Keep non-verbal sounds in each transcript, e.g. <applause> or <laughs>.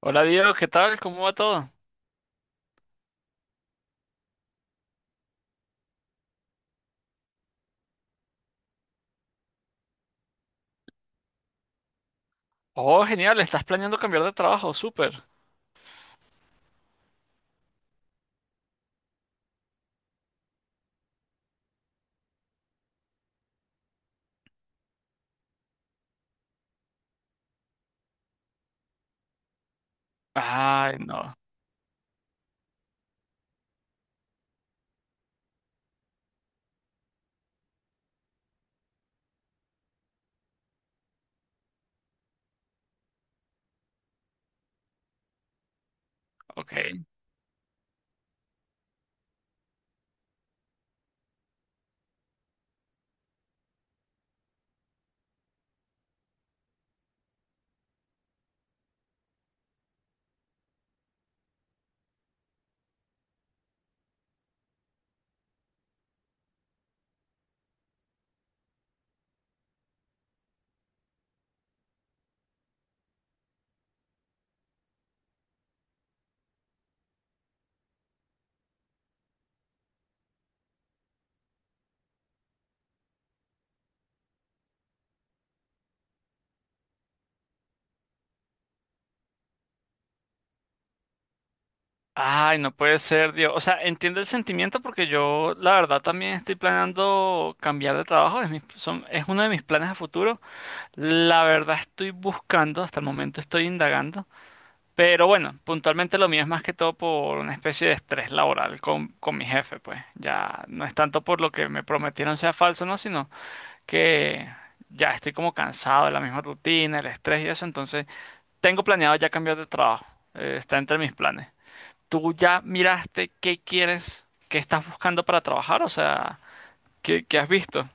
Hola Diego, ¿qué tal? ¿Cómo va todo? Oh, genial, estás planeando cambiar de trabajo, súper. Ay, no, ok. Ay, no puede ser, Diego. O sea, entiendo el sentimiento porque yo, la verdad, también estoy planeando cambiar de trabajo. Es mi- son- es uno de mis planes a futuro. La verdad, estoy buscando, hasta el momento estoy indagando. Pero bueno, puntualmente lo mío es más que todo por una especie de estrés laboral con mi jefe, pues. Ya no es tanto por lo que me prometieron sea falso, ¿no? Sino que ya estoy como cansado de la misma rutina, el estrés y eso, entonces tengo planeado ya cambiar de trabajo. Está entre mis planes. ¿Tú ya miraste qué quieres, qué estás buscando para trabajar? O sea, ¿qué has visto?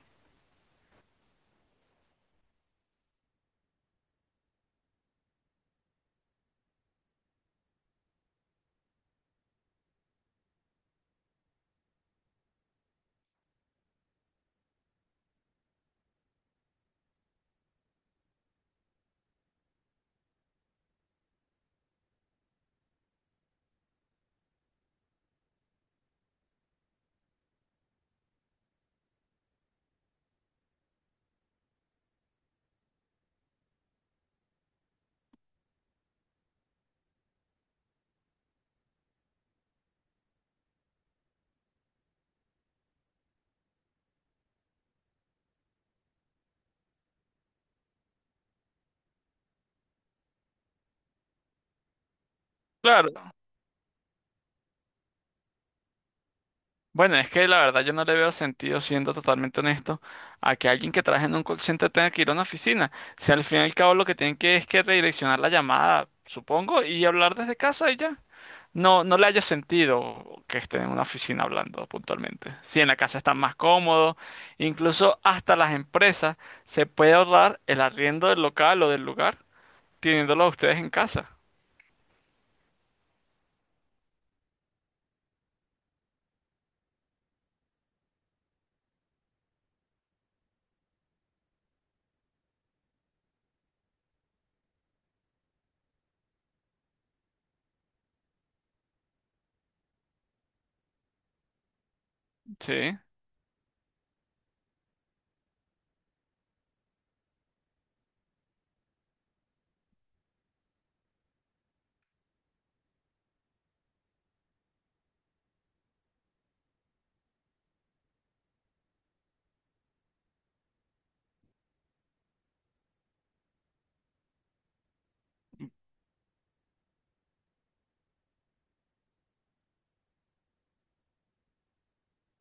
Claro. Bueno, es que la verdad yo no le veo sentido, siendo totalmente honesto, a que alguien que trabaje en un call center tenga que ir a una oficina. Si al fin y al cabo lo que tienen que es que redireccionar la llamada, supongo, y hablar desde casa y ya. No, no le haya sentido que estén en una oficina hablando puntualmente. Si en la casa están más cómodos, incluso hasta las empresas se puede ahorrar el arriendo del local o del lugar teniéndolo a ustedes en casa. Sí.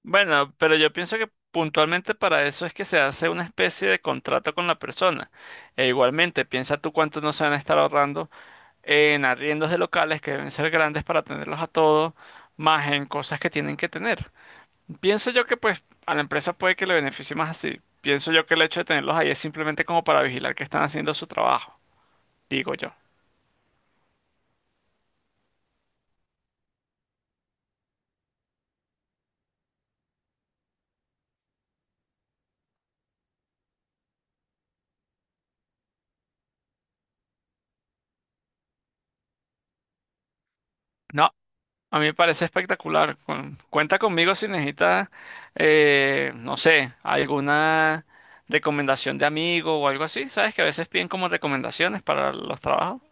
Bueno, pero yo pienso que puntualmente para eso es que se hace una especie de contrato con la persona. E igualmente, piensa tú cuánto no se van a estar ahorrando en arriendos de locales que deben ser grandes para tenerlos a todos, más en cosas que tienen que tener. Pienso yo que pues a la empresa puede que le beneficie más así. Pienso yo que el hecho de tenerlos ahí es simplemente como para vigilar que están haciendo su trabajo, digo yo. No, a mí me parece espectacular. Con- cuenta conmigo si necesitas, no sé, alguna recomendación de amigo o algo así. ¿Sabes que a veces piden como recomendaciones para los trabajos?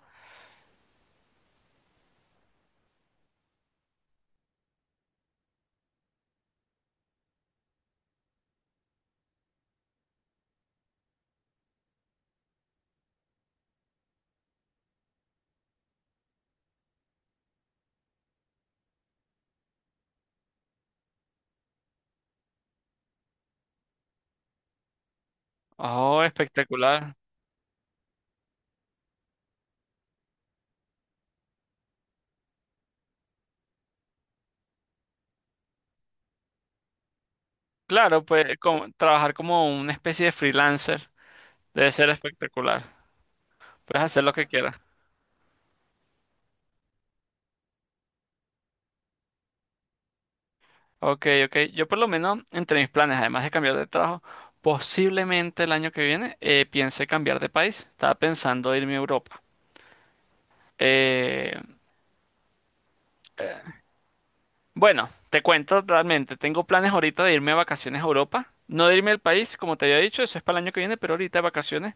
Oh, espectacular. Claro, pues como- trabajar como una especie de freelancer debe ser espectacular. Puedes hacer lo que quieras. Ok, ok. Yo por lo menos, entre mis planes, además de cambiar de trabajo, posiblemente el año que viene piense cambiar de país. Estaba pensando irme a Europa. Eh, bueno, te cuento realmente, tengo planes ahorita de irme a vacaciones a Europa. No de irme al país, como te había dicho, eso es para el año que viene, pero ahorita de vacaciones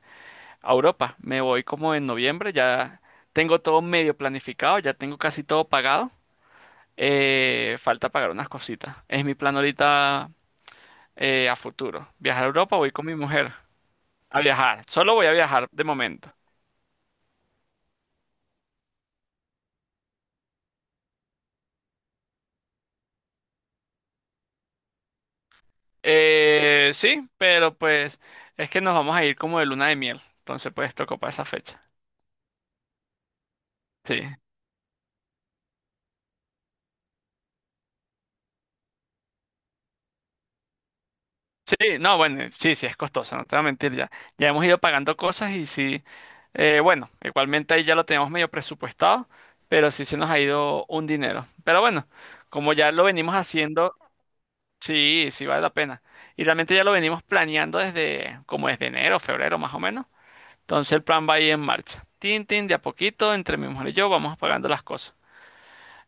a Europa. Me voy como en noviembre, ya tengo todo medio planificado, ya tengo casi todo pagado. Falta pagar unas cositas. Es mi plan ahorita a futuro. Viajar a Europa, voy con mi mujer. A viajar, solo voy a viajar de momento. Sí, pero pues es que nos vamos a ir como de luna de miel, entonces pues tocó para esa fecha. Sí, sí, no, bueno, sí, sí, es costoso, no te voy a mentir ya. Ya hemos ido pagando cosas y sí, bueno, igualmente ahí ya lo tenemos medio presupuestado, pero sí se nos ha ido un dinero. Pero bueno, como ya lo venimos haciendo, sí, sí vale la pena. Y realmente ya lo venimos planeando desde como desde enero, febrero más o menos. Entonces el plan va ahí en marcha. Tin, tin, de a poquito, entre mi mujer y yo vamos apagando las cosas.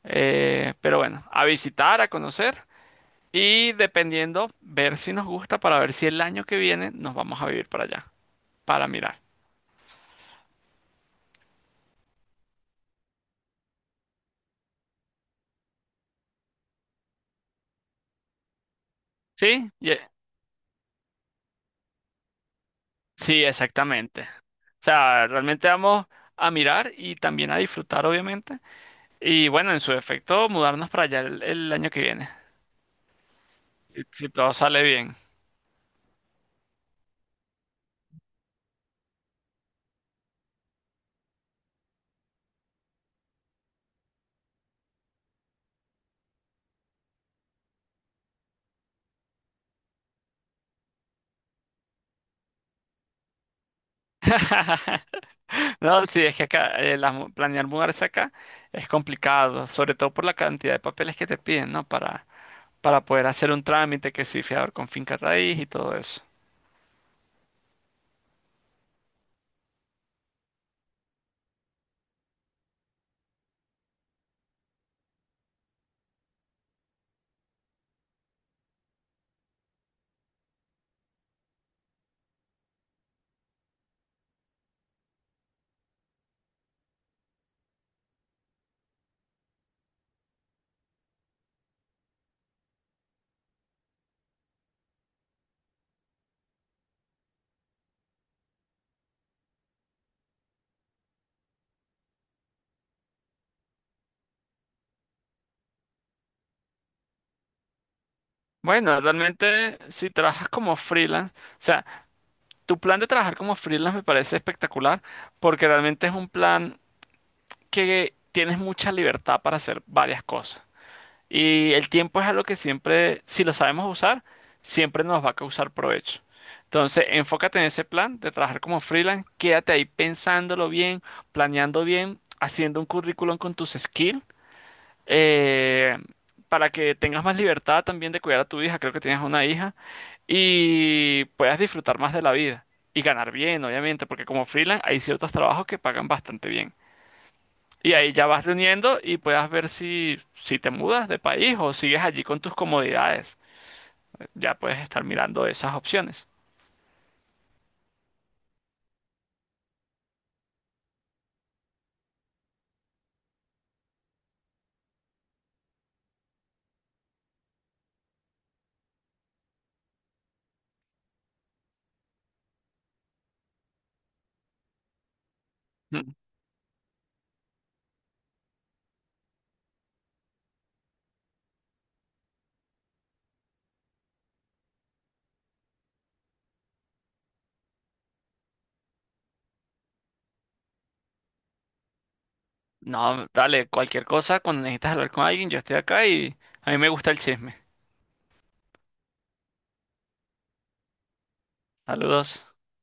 Pero bueno, a visitar, a conocer y dependiendo, ver si nos gusta para ver si el año que viene nos vamos a vivir para allá, para mirar. ¿Sí? Ye- Sí, exactamente. O sea, realmente vamos a mirar y también a disfrutar, obviamente. Y bueno, en su efecto, mudarnos para allá el año que viene, si si todo sale bien. <laughs> No, sí, es que acá las mu- planear mudarse acá es complicado, sobre todo por la cantidad de papeles que te piden, ¿no? Para poder hacer un trámite que sí, fiador con finca raíz y todo eso. Bueno, realmente si trabajas como freelance, o sea, tu plan de trabajar como freelance me parece espectacular porque realmente es un plan que tienes mucha libertad para hacer varias cosas. Y el tiempo es algo que siempre, si lo sabemos usar, siempre nos va a causar provecho. Entonces, enfócate en ese plan de trabajar como freelance, quédate ahí pensándolo bien, planeando bien, haciendo un currículum con tus skills, eh, para que tengas más libertad también de cuidar a tu hija, creo que tienes una hija, y puedas disfrutar más de la vida y ganar bien, obviamente, porque como freelance hay ciertos trabajos que pagan bastante bien. Y ahí ya vas reuniendo y puedas ver si, si te mudas de país o sigues allí con tus comodidades. Ya puedes estar mirando esas opciones. Mm. No, dale, cualquier cosa, cuando necesitas hablar con alguien, yo estoy acá y a mí me gusta el chisme. Saludos.